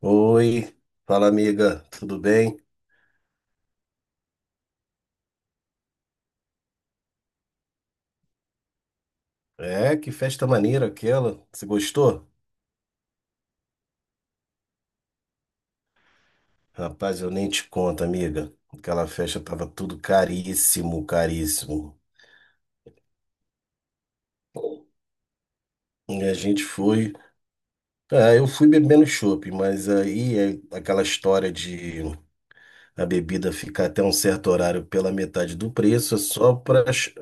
Oi, fala amiga, tudo bem? É, que festa maneira aquela. Você gostou? Rapaz, eu nem te conto, amiga. Aquela festa tava tudo caríssimo, caríssimo. E a gente foi. Ah, eu fui bebendo chopp, mas aí é aquela história de a bebida ficar até um certo horário pela metade do preço, é só pra.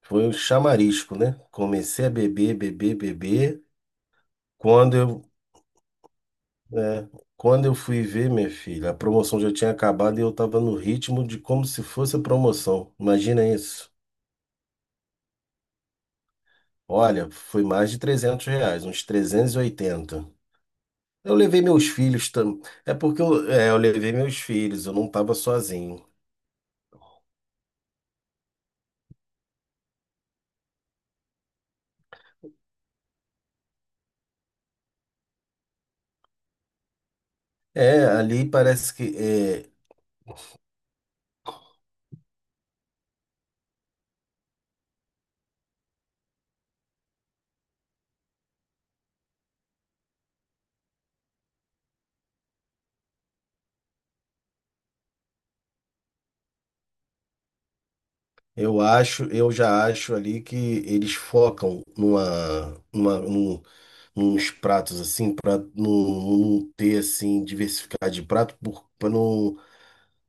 Foi um chamarisco, né? Comecei a beber, beber, beber. Quando eu É, Quando eu fui ver, minha filha, a promoção já tinha acabado e eu tava no ritmo de como se fosse a promoção. Imagina isso. Olha, foi mais de R$ 300, uns 380. Eu levei meus filhos também. É porque eu levei meus filhos, eu não tava sozinho. É, ali parece que é, eu já acho ali que eles focam num uns pratos assim, para não ter assim, diversificar de prato por, pra não.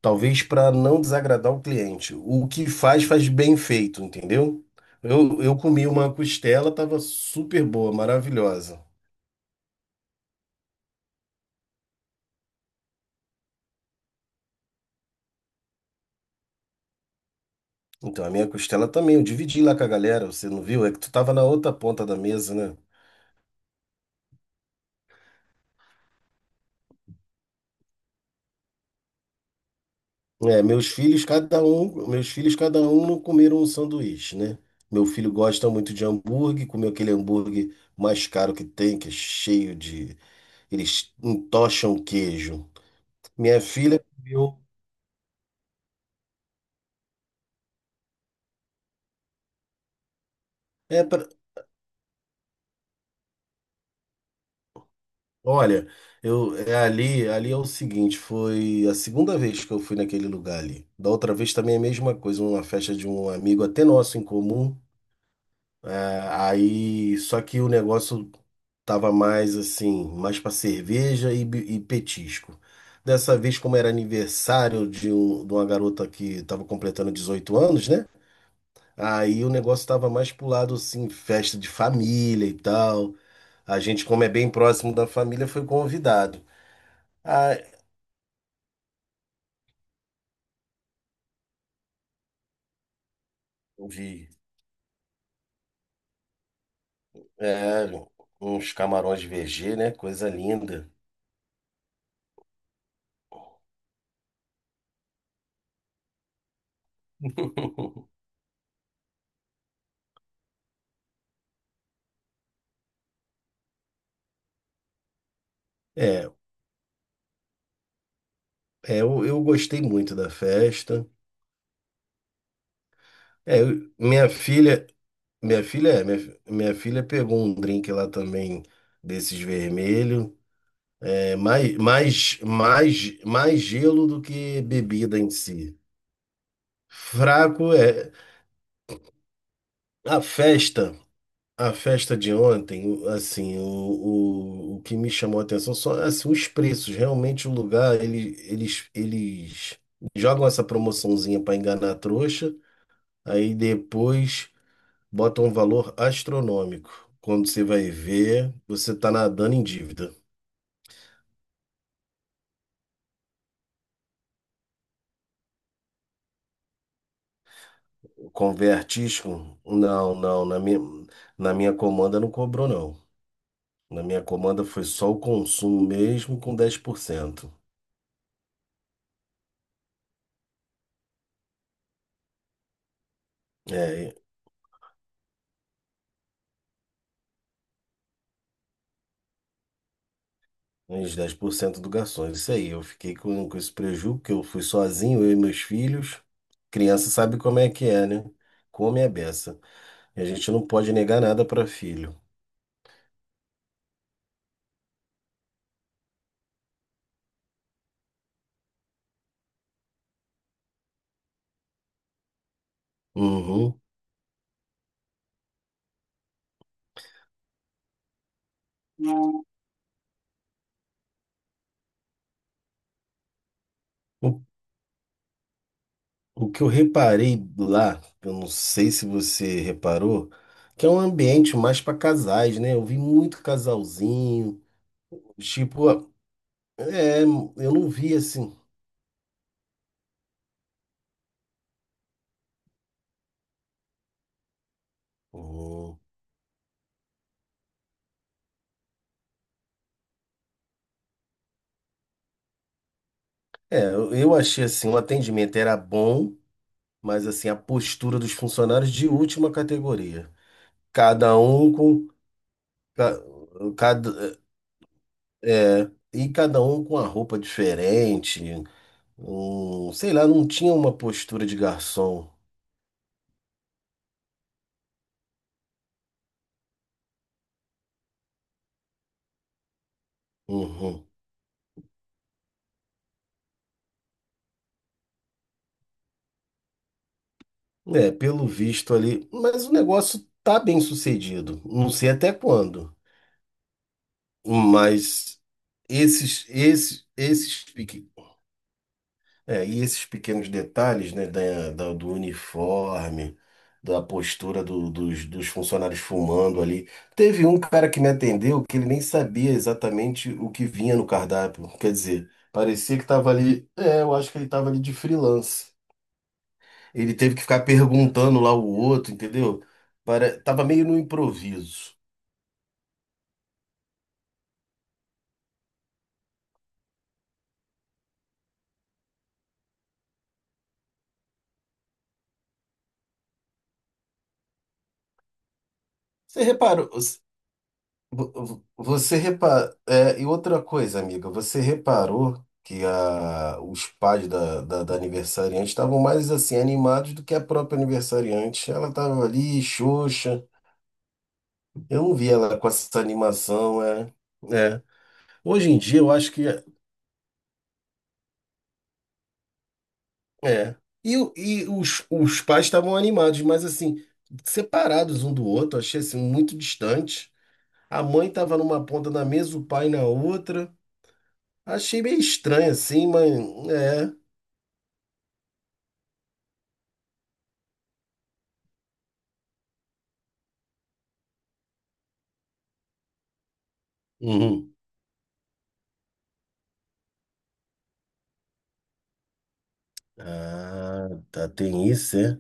Talvez para não desagradar o cliente. O que faz, faz bem feito, entendeu? Eu comi uma costela, tava super boa, maravilhosa. Então, a minha costela também, eu dividi lá com a galera, você não viu? É que tu tava na outra ponta da mesa, né? É, meus filhos, cada um não comeram um sanduíche, né? Meu filho gosta muito de hambúrguer, comeu aquele hambúrguer mais caro que tem, que é cheio de. Eles entocham queijo. Minha filha comeu. Olha, ali é o seguinte, foi a segunda vez que eu fui naquele lugar ali. Da outra vez também é a mesma coisa, uma festa de um amigo até nosso em comum. É, aí, só que o negócio tava mais assim, mais para cerveja e petisco. Dessa vez, como era aniversário de uma garota que tava completando 18 anos, né? Aí o negócio tava mais pro lado assim, festa de família e tal. A gente, como é bem próximo da família, foi convidado. Ah, vi. É, uns camarões de VG, né? Coisa linda. É, eu gostei muito da festa. É, eu- minha filha, é, minha, fi- minha filha pegou um drink lá também desses vermelho. É mais gelo do que bebida em si. Fraco é a festa. A festa de ontem, o que me chamou a atenção são assim, os preços. Realmente o lugar, eles jogam essa promoçãozinha para enganar a trouxa, aí depois botam um valor astronômico. Quando você vai ver, você tá nadando em dívida. Convertisco? Não, na minha comanda não cobrou, não. Na minha comanda foi só o consumo mesmo com 10%. É. Uns 10% do garçom, isso aí. Eu fiquei com esse prejuízo porque eu fui sozinho, eu e meus filhos. Criança sabe como é que é, né? Come a beça. E a gente não pode negar nada para filho. Uhum. O, o que eu reparei lá, eu não sei se você reparou, que é um ambiente mais para casais, né? Eu vi muito casalzinho. Tipo, é, eu não vi assim. Uhum. É, eu achei assim, o atendimento era bom, mas assim, a postura dos funcionários de última categoria. Cada um com ca- cada E cada um com a roupa diferente. Um, sei lá, não tinha uma postura de garçom. Uhum. É, pelo visto ali, mas o negócio tá bem sucedido. Não sei até quando, mas esses É, e esses pequenos detalhes, né, do uniforme, da postura dos, dos funcionários fumando ali. Teve um cara que me atendeu que ele nem sabia exatamente o que vinha no cardápio. Quer dizer, parecia que estava ali. É, eu acho que ele estava ali de freelance. Ele teve que ficar perguntando lá o outro, entendeu? Para, tava meio no improviso. Você reparou? Você repara... é, e outra coisa, amiga, você reparou que a, os pais da, da, da aniversariante estavam mais assim animados do que a própria aniversariante. Ela estava ali, xoxa. Eu não vi ela com essa animação, é. É. Hoje em dia eu acho que é. E os pais estavam animados, mas assim, separados um do outro, achei assim muito distante. A mãe estava numa ponta da mesa, o pai na outra. Achei meio estranho assim, mas é. Uhum. Ah, tá, tem isso, é?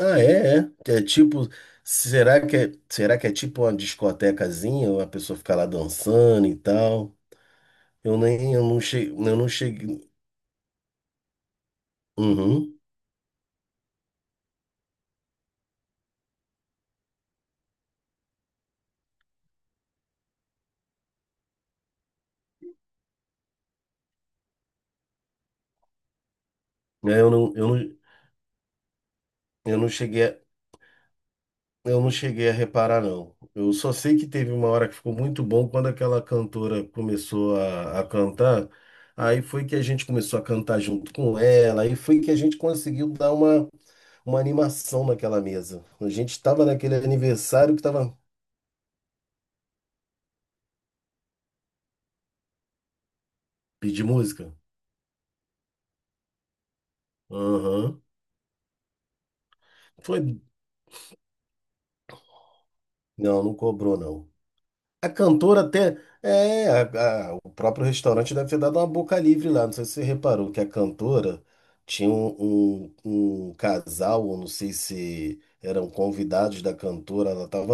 Ah, é, é. É tipo, será que é tipo uma discotecazinha, uma pessoa fica lá dançando e tal? Eu não cheguei, uhum. É, eu não, eu não cheguei, a- eu não cheguei a reparar, não. Eu só sei que teve uma hora que ficou muito bom quando aquela cantora começou a cantar. Aí foi que a gente começou a cantar junto com ela, aí foi que a gente conseguiu dar uma animação naquela mesa. A gente estava naquele aniversário que tava. Pedir música? Aham. Foi. Não, não cobrou, não. A cantora até. É, o próprio restaurante deve ter dado uma boca livre lá. Não sei se você reparou que a cantora tinha um casal, ou não sei se eram convidados da cantora. Ela estava.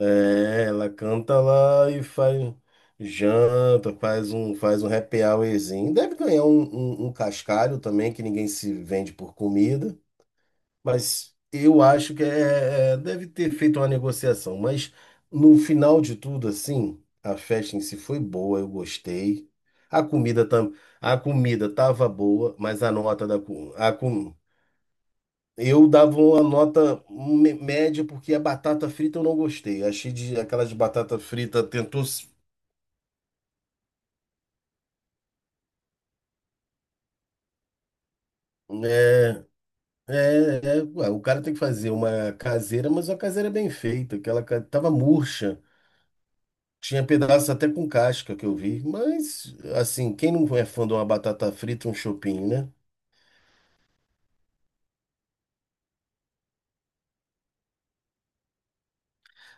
É, ela canta lá e faz janta, faz um happy hourzinho. Deve ganhar um cascalho também, que ninguém se vende por comida. Mas eu acho que deve ter feito uma negociação. Mas no final de tudo, assim, a festa em si foi boa, eu gostei. A comida, tam, a comida tava boa, mas a nota da comida. Eu dava uma nota média porque a batata frita eu não gostei. Achei de aquela de batata frita é, ué, o cara tem que fazer uma caseira, mas uma caseira bem feita. Tava murcha, tinha pedaço até com casca que eu vi. Mas assim, quem não é fã de uma batata frita, um chopinho, né?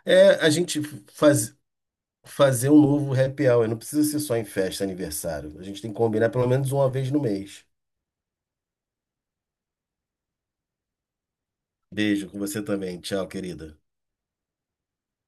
É a gente faz, fazer um novo happy hour. Não precisa ser só em festa, aniversário. A gente tem que combinar pelo menos uma vez no mês. Beijo com você também. Tchau, querida.